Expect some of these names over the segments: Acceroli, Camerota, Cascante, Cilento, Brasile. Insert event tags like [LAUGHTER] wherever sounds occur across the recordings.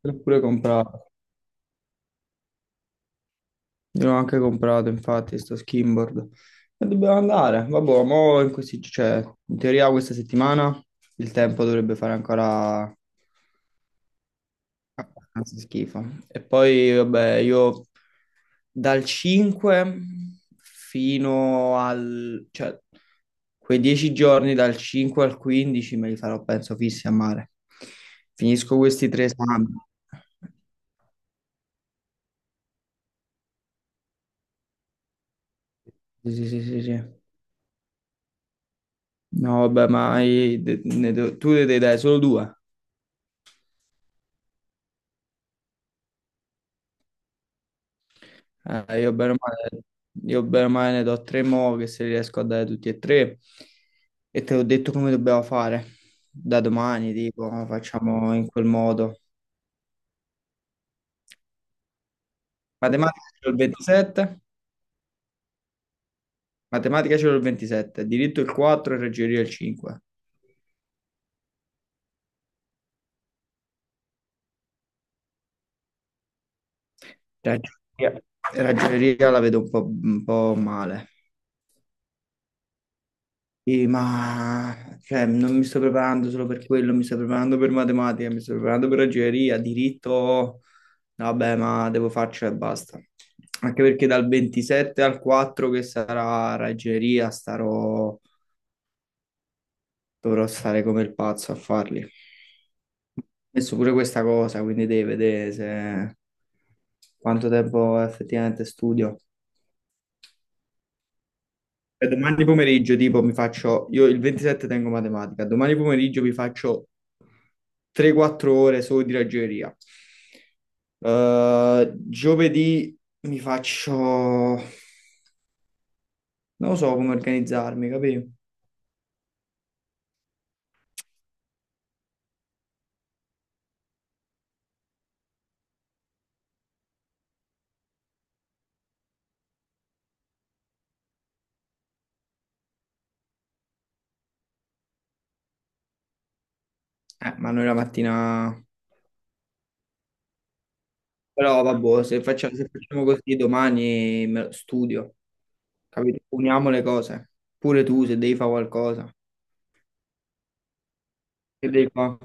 L'ho pure comprato, io l'ho anche comprato, infatti, sto skimboard. E dobbiamo andare, vabbè, mo in questi, cioè, in teoria questa settimana il tempo dovrebbe fare ancora abbastanza schifo. E poi vabbè, io dal 5 fino al, cioè, quei 10 giorni dal 5 al 15 me li farò penso fissi a mare, finisco questi tre esami. Sì sì sì sì, sì. No, vabbè, ma tu ne dai solo due. Eh, io bene o male, io bene o male ne do tre, mo che se riesco a dare tutti e tre. E te l'ho detto come dobbiamo fare. Da domani, tipo, facciamo in quel modo. Matematica c'è il 27, matematica c'è il 27, diritto il 4 e ragioneria il 5. Ragioneria, ragioneria la vedo un po' male. Sì, ma cioè, non mi sto preparando solo per quello, mi sto preparando per matematica, mi sto preparando per ragioneria, diritto, vabbè, ma devo farcela e basta. Anche perché dal 27 al 4 che sarà ragioneria, starò, dovrò stare come il pazzo a farli. Ho messo pure questa cosa, quindi devi vedere se... quanto tempo effettivamente studio. E domani pomeriggio, tipo, mi faccio, io il 27 tengo matematica, domani pomeriggio mi faccio 3-4 ore solo di ragioneria. Giovedì mi faccio, non lo so come organizzarmi, capito? Ma noi la mattina, però vabbè, se facciamo così domani studio, capito? Uniamo le cose, pure tu se devi fare qualcosa, che devi fare?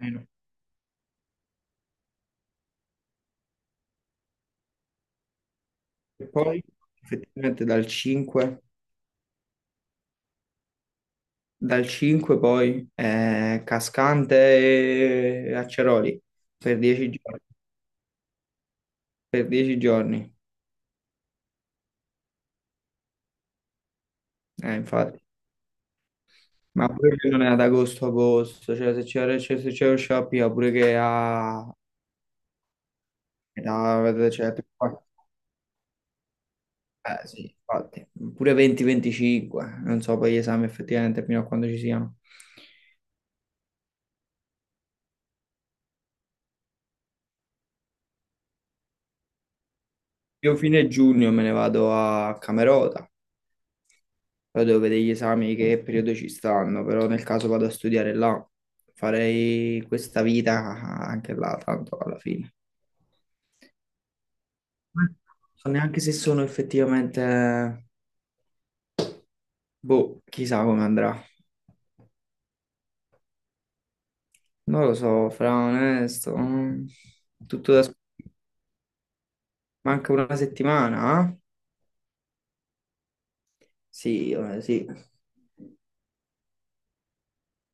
No. E poi, effettivamente, dal 5. Dal 5 poi Cascante e Acceroli per 10 giorni. Per 10 giorni, infatti. Ma pure che non è ad agosto, agosto, cioè se c'è, cioè, se c'è lo shopping, pure che a... cioè, sì, infatti. Pure 20-25, non so poi gli esami effettivamente fino a quando ci siano. Io fine giugno me ne vado a Camerota. Poi devo vedere gli esami che periodo ci stanno, però nel caso vado a studiare là, farei questa vita anche là, tanto alla fine. Non so neanche se sono effettivamente, boh, chissà come andrà. Non lo so, fra onesto, tutto da... Manca una settimana, eh? Sì, sì.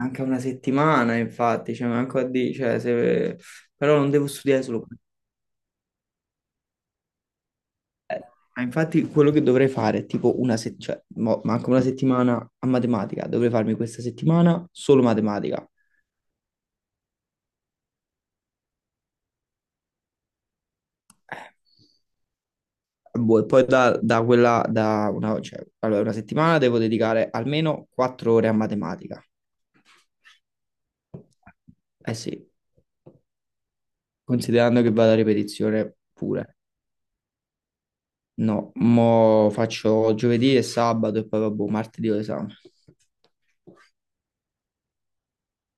Anche una settimana, infatti, cioè, manco a dire, cioè, se... però non devo studiare solo. Ma infatti quello che dovrei fare è tipo una settimana, cioè, manca una settimana a matematica, dovrei farmi questa settimana solo matematica. Eh, boh, e poi da quella, da una, cioè, allora, una settimana devo dedicare almeno 4 ore a matematica. Eh sì, considerando che vado a ripetizione pure. No, mo faccio giovedì e sabato e poi vabbè, martedì ho esame.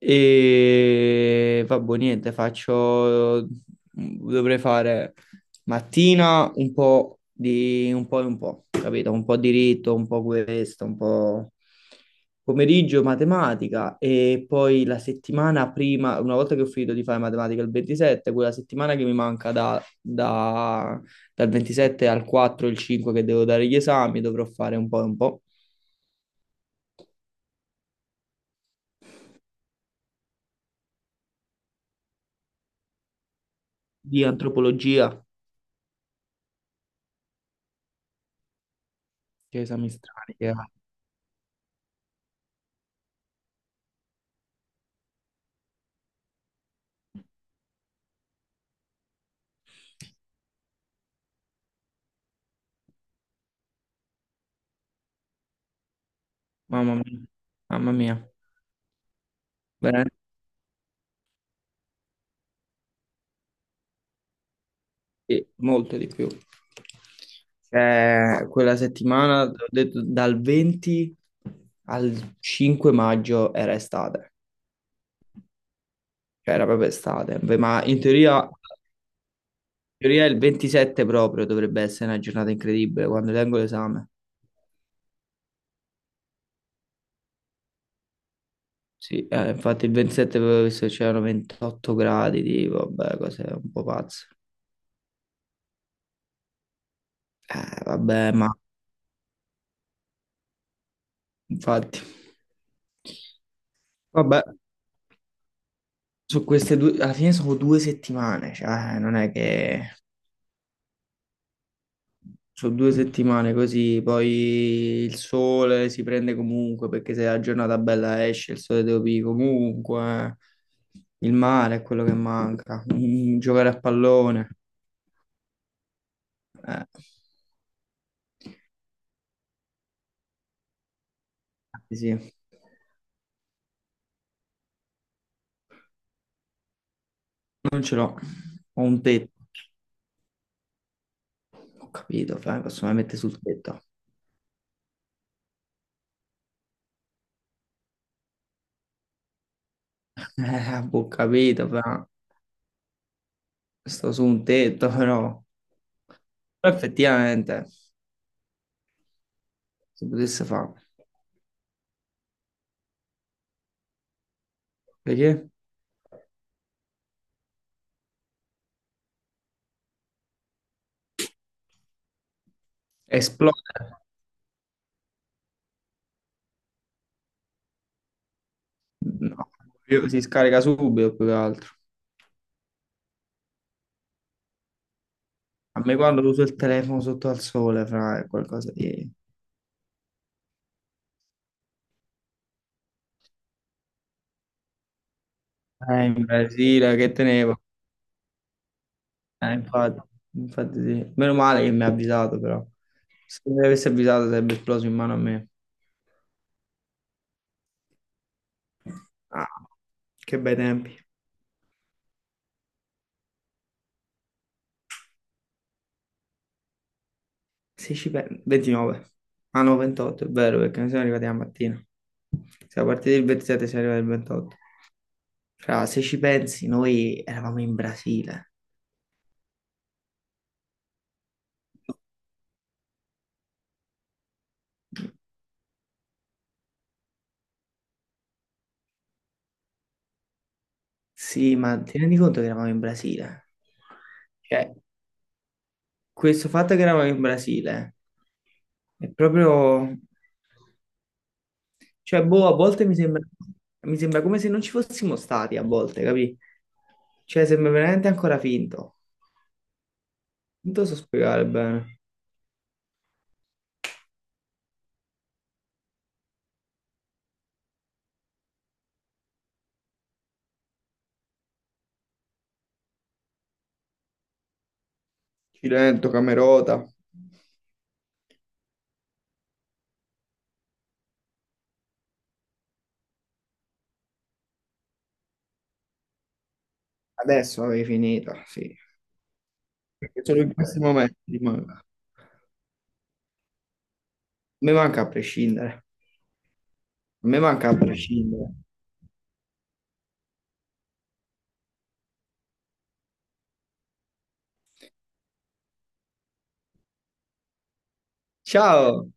E vabbè, niente, faccio, dovrei fare mattina un po' di un po' e un po', capito? Un po' di diritto, un po' questo, un po' pomeriggio matematica e poi la settimana prima, una volta che ho finito di fare matematica il 27, quella settimana che mi manca dal 27 al 4, il 5 che devo dare gli esami, dovrò fare un po' e un po' di antropologia, che esami strani, che mamma mia, mamma mia, veramente sì, molto di più. Cioè, quella settimana, ho detto, dal 20 al 5 maggio era estate, cioè era proprio estate. Beh, ma in teoria il 27 proprio dovrebbe essere una giornata incredibile quando tengo l'esame. Sì, infatti il 27 avevo visto che c'erano 28 gradi, tipo, vabbè, cose un po' pazze. Vabbè, ma infatti, vabbè. Su queste due, alla fine sono due settimane, cioè non è che sono due settimane così, poi il sole si prende comunque perché se la giornata bella esce, il sole devo pì comunque, eh. Il mare è quello che manca, giocare a pallone, eh, sì, non ce l'ho, ho un tetto, ho capito, fra, mi posso mai mettere sul tetto. [LAUGHS] Eh, ho capito, fra, sto su un tetto però. Però effettivamente... si potesse fare. Perché? Esplode. No, si scarica subito più che altro. A me quando uso il telefono sotto al sole, fra, è qualcosa di... in Brasile, che tenevo? Infatti, infatti sì. Meno male che mi ha avvisato, però. Se mi avesse avvisato sarebbe esploso in mano a me. Ah, che bei tempi. 16 29. Ah no, 28, è vero, perché noi siamo arrivati la mattina. Siamo partiti il 27, siamo arrivati il 28. Fra, se ci pensi, noi eravamo in Brasile. Sì, ma ti rendi conto che eravamo in Brasile? Cioè, questo fatto che eravamo in Brasile è proprio... Cioè, boh, a volte mi sembra come se non ci fossimo stati, a volte, capì? Cioè, sembra veramente ancora finto. Non so spiegare bene. Cilento, Camerota. Adesso avevi finito, sì. Perché solo in questi momenti ti manca. A me manca a prescindere. A me manca a prescindere. Ciao,